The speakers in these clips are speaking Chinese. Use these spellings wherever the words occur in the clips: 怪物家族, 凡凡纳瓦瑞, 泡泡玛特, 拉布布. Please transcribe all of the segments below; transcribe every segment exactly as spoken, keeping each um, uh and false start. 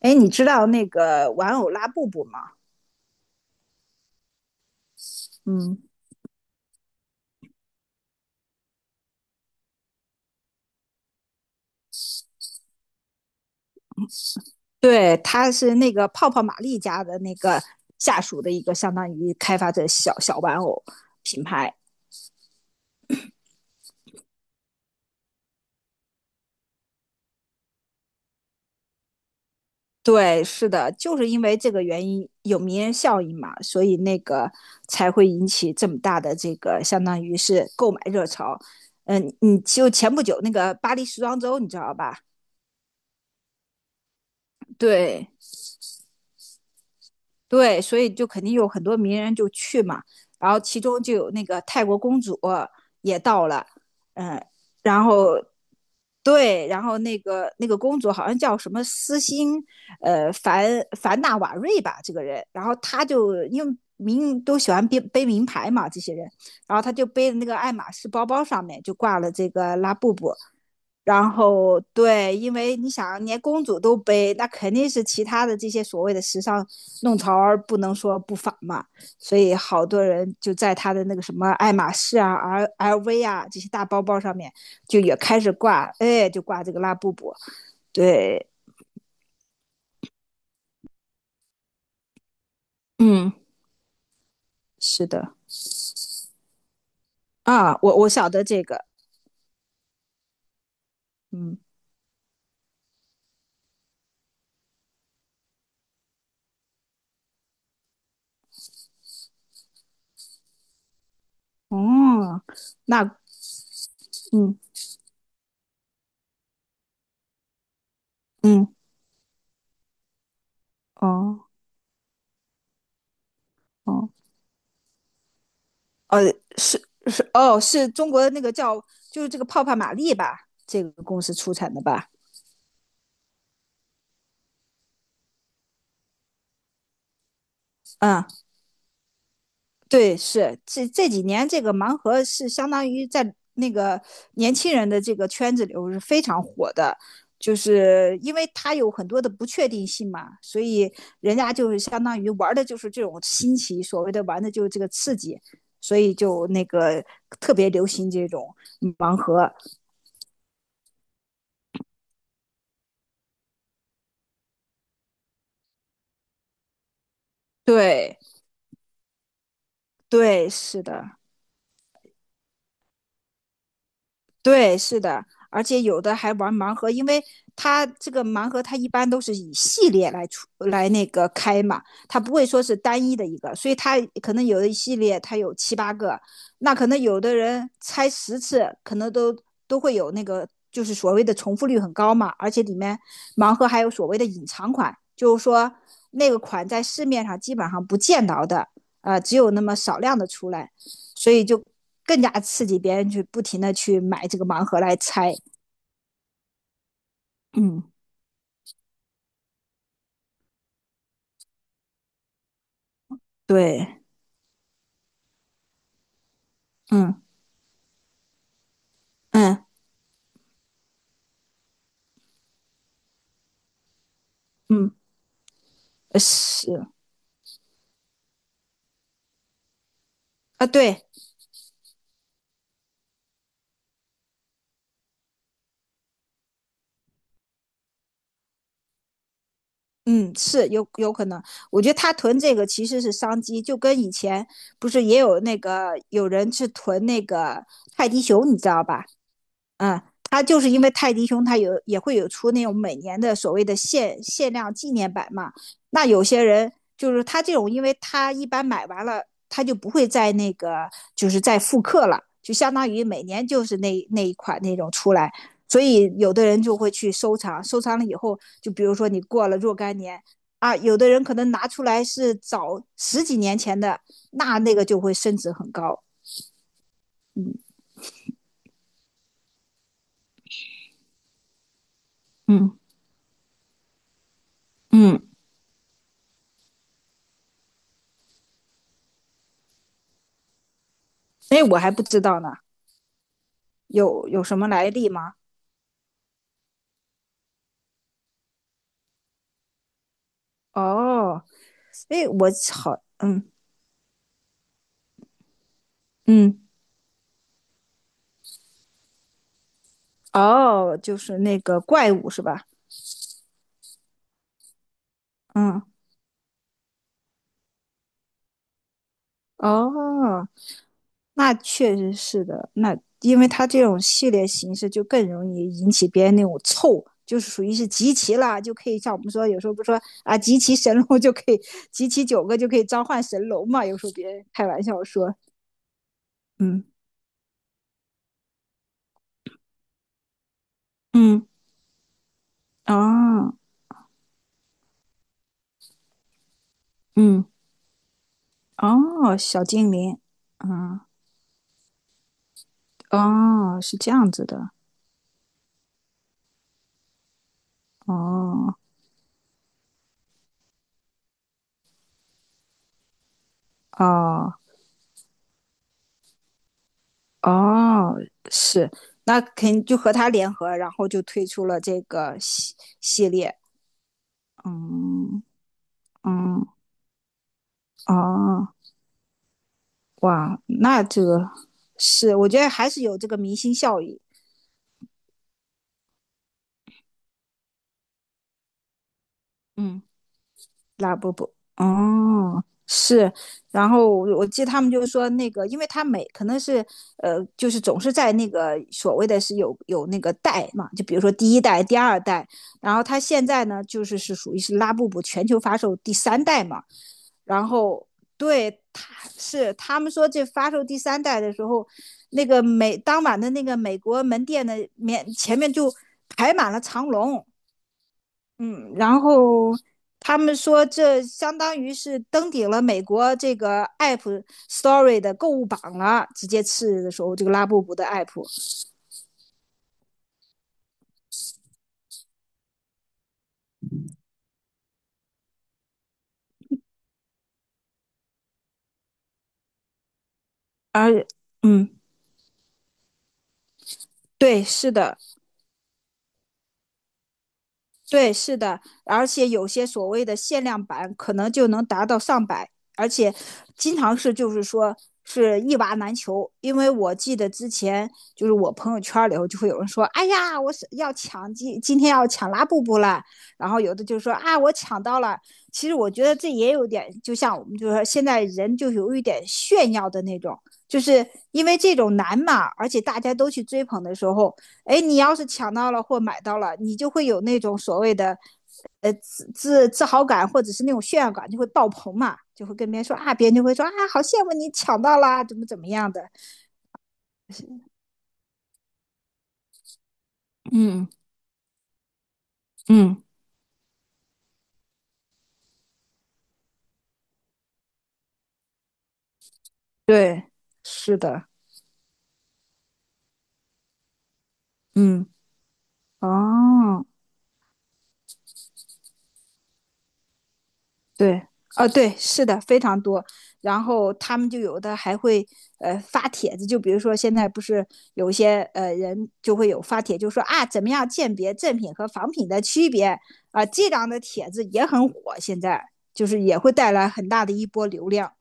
哎，你知道那个玩偶拉布布吗？嗯，对，他是那个泡泡玛丽家的那个下属的一个相当于开发者小小玩偶品牌。对，是的，就是因为这个原因有名人效应嘛，所以那个才会引起这么大的这个相当于是购买热潮。嗯，你就前不久那个巴黎时装周，你知道吧？对，对，所以就肯定有很多名人就去嘛，然后其中就有那个泰国公主也到了，嗯，然后对，然后那个那个公主好像叫什么斯欣，呃，凡凡纳瓦瑞吧，这个人，然后她就因为名都喜欢背背名牌嘛，这些人，然后她就背的那个爱马仕包包上面就挂了这个拉布布，然后对，因为你想，连公主都背，那肯定是其他的这些所谓的时尚弄潮儿不能说不反嘛。所以好多人就在他的那个什么爱马仕啊、L L V 啊这些大包包上面，就也开始挂，哎，就挂这个拉布布。对，嗯，是的啊，我我晓得这个，嗯，哦，那嗯嗯哦哦。呃，是是哦，是中国那个叫就是这个泡泡玛丽吧，这个公司出产的吧？嗯，对，是这这几年这个盲盒是相当于在那个年轻人的这个圈子里头是非常火的，就是因为它有很多的不确定性嘛，所以人家就是相当于玩的就是这种新奇，所谓的玩的就是这个刺激，所以就那个特别流行这种盲盒。对对，是的。对，是的，而且有的还玩盲盒，因为它这个盲盒它一般都是以系列来出来那个开嘛，它不会说是单一的一个，所以它可能有的一系列它有七八个，那可能有的人拆十次，可能都都会有那个就是所谓的重复率很高嘛，而且里面盲盒还有所谓的隐藏款，就是说那个款在市面上基本上不见到的，呃，只有那么少量的出来。所以就更加刺激别人去不停的去买这个盲盒来猜。嗯，对，嗯嗯嗯，呃是啊，对，嗯是有有可能。我觉得他囤这个其实是商机，就跟以前不是也有那个有人去囤那个泰迪熊，你知道吧？嗯，他就是因为泰迪熊，他有也会有出那种每年的所谓的限限量纪念版嘛。那有些人就是他这种，因为他一般买完了，他就不会再那个，就是再复刻了，就相当于每年就是那那一款那种出来。所以有的人就会去收藏，收藏了以后，就比如说你过了若干年啊，有的人可能拿出来是早十几年前的，那那个就会升值很高。嗯嗯，哎，我还不知道呢。有有什么来历吗？哦，哎，我好，嗯嗯，哦，就是那个怪物是吧？嗯，哦，那确实是的，那因为它这种系列形式就更容易引起别人那种凑。就是属于是集齐啦，就可以像我们说，有时候不说啊，集齐神龙就可以，集齐九个就可以召唤神龙嘛。有时候别人开玩笑说，嗯嗯，哦，嗯哦，小精灵，嗯。哦，是这样子的，哦哦哦，是，那肯定就和他联合，然后就推出了这个系系列，嗯嗯哦，哇，那这个是，我觉得还是有这个明星效应，嗯拉布布，哦，是。然后我我记得他们就是说那个，因为他每可能是呃，就是总是在那个所谓的是有有那个代嘛，就比如说第一代、第二代，然后他现在呢就是是属于是拉布布全球发售第三代嘛，然后对，他是他们说这发售第三代的时候，那个美当晚的那个美国门店的面前面就排满了长龙。嗯，然后他们说这相当于是登顶了美国这个 App Store 的购物榜了，直接次日的时候，这个拉布布的 App，而嗯，对，是的，对，是的，而且有些所谓的限量版可能就能达到上百，而且经常是就是说是一娃难求。因为我记得之前就是我朋友圈里头就会有人说：“哎呀，我是要抢今今天要抢拉布布了。”然后有的就说：“啊，我抢到了。”其实我觉得这也有点，就像我们就说现在人就有一点炫耀的那种，就是因为这种难嘛，而且大家都去追捧的时候，哎，你要是抢到了或买到了，你就会有那种所谓的呃自自自豪感，或者是那种炫耀感，就会爆棚嘛，就会跟别人说啊，别人就会说啊，好羡慕你抢到啦，怎么怎么样的。嗯嗯，对，是的，嗯，哦，对，哦，对，是的，非常多。然后他们就有的还会呃发帖子，就比如说现在不是有一些呃人就会有发帖，就说啊怎么样鉴别正品和仿品的区别啊、这样的帖子也很火，现在就是也会带来很大的一波流量。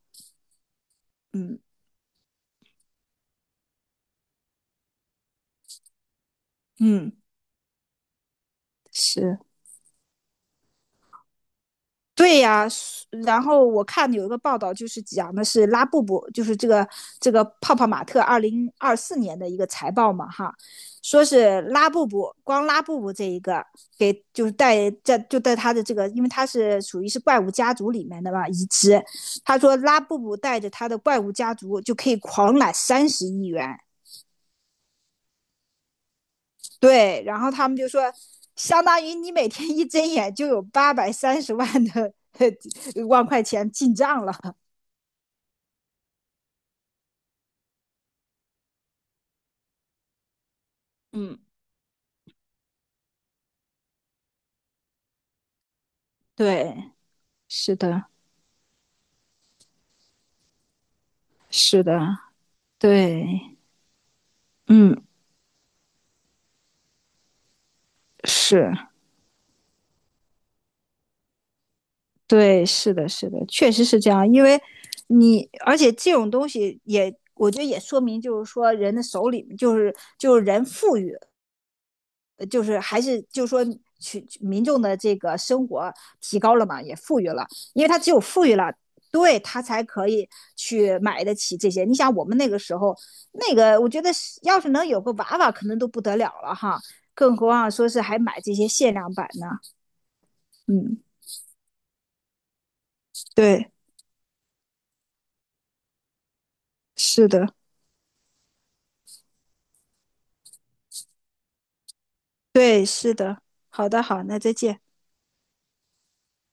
嗯嗯，是。对呀、啊然后我看有一个报道，就是讲的是拉布布，就是这个这个泡泡玛特二零二四年的一个财报嘛，哈，说是拉布布，光拉布布这一个给就是带在就带他的这个，因为他是属于是怪物家族里面的嘛一只，他说拉布布带着他的怪物家族就可以狂揽三十亿元，对，然后他们就说，相当于你每天一睁眼就有八百三十万的 万块钱进账了。嗯，对，是的，是的，对，嗯，是，对，是的，是的，确实是这样。因为你，而且这种东西也，我觉得也说明，就是说人的手里，就是就是人富裕，呃就是还是就是说群民众的这个生活提高了嘛，也富裕了，因为他只有富裕了，对他才可以去买得起这些。你想我们那个时候，那个我觉得要是能有个娃娃，可能都不得了了哈，更何况说是还买这些限量版呢？嗯，对，是的，对，是的。好的，好，那再见。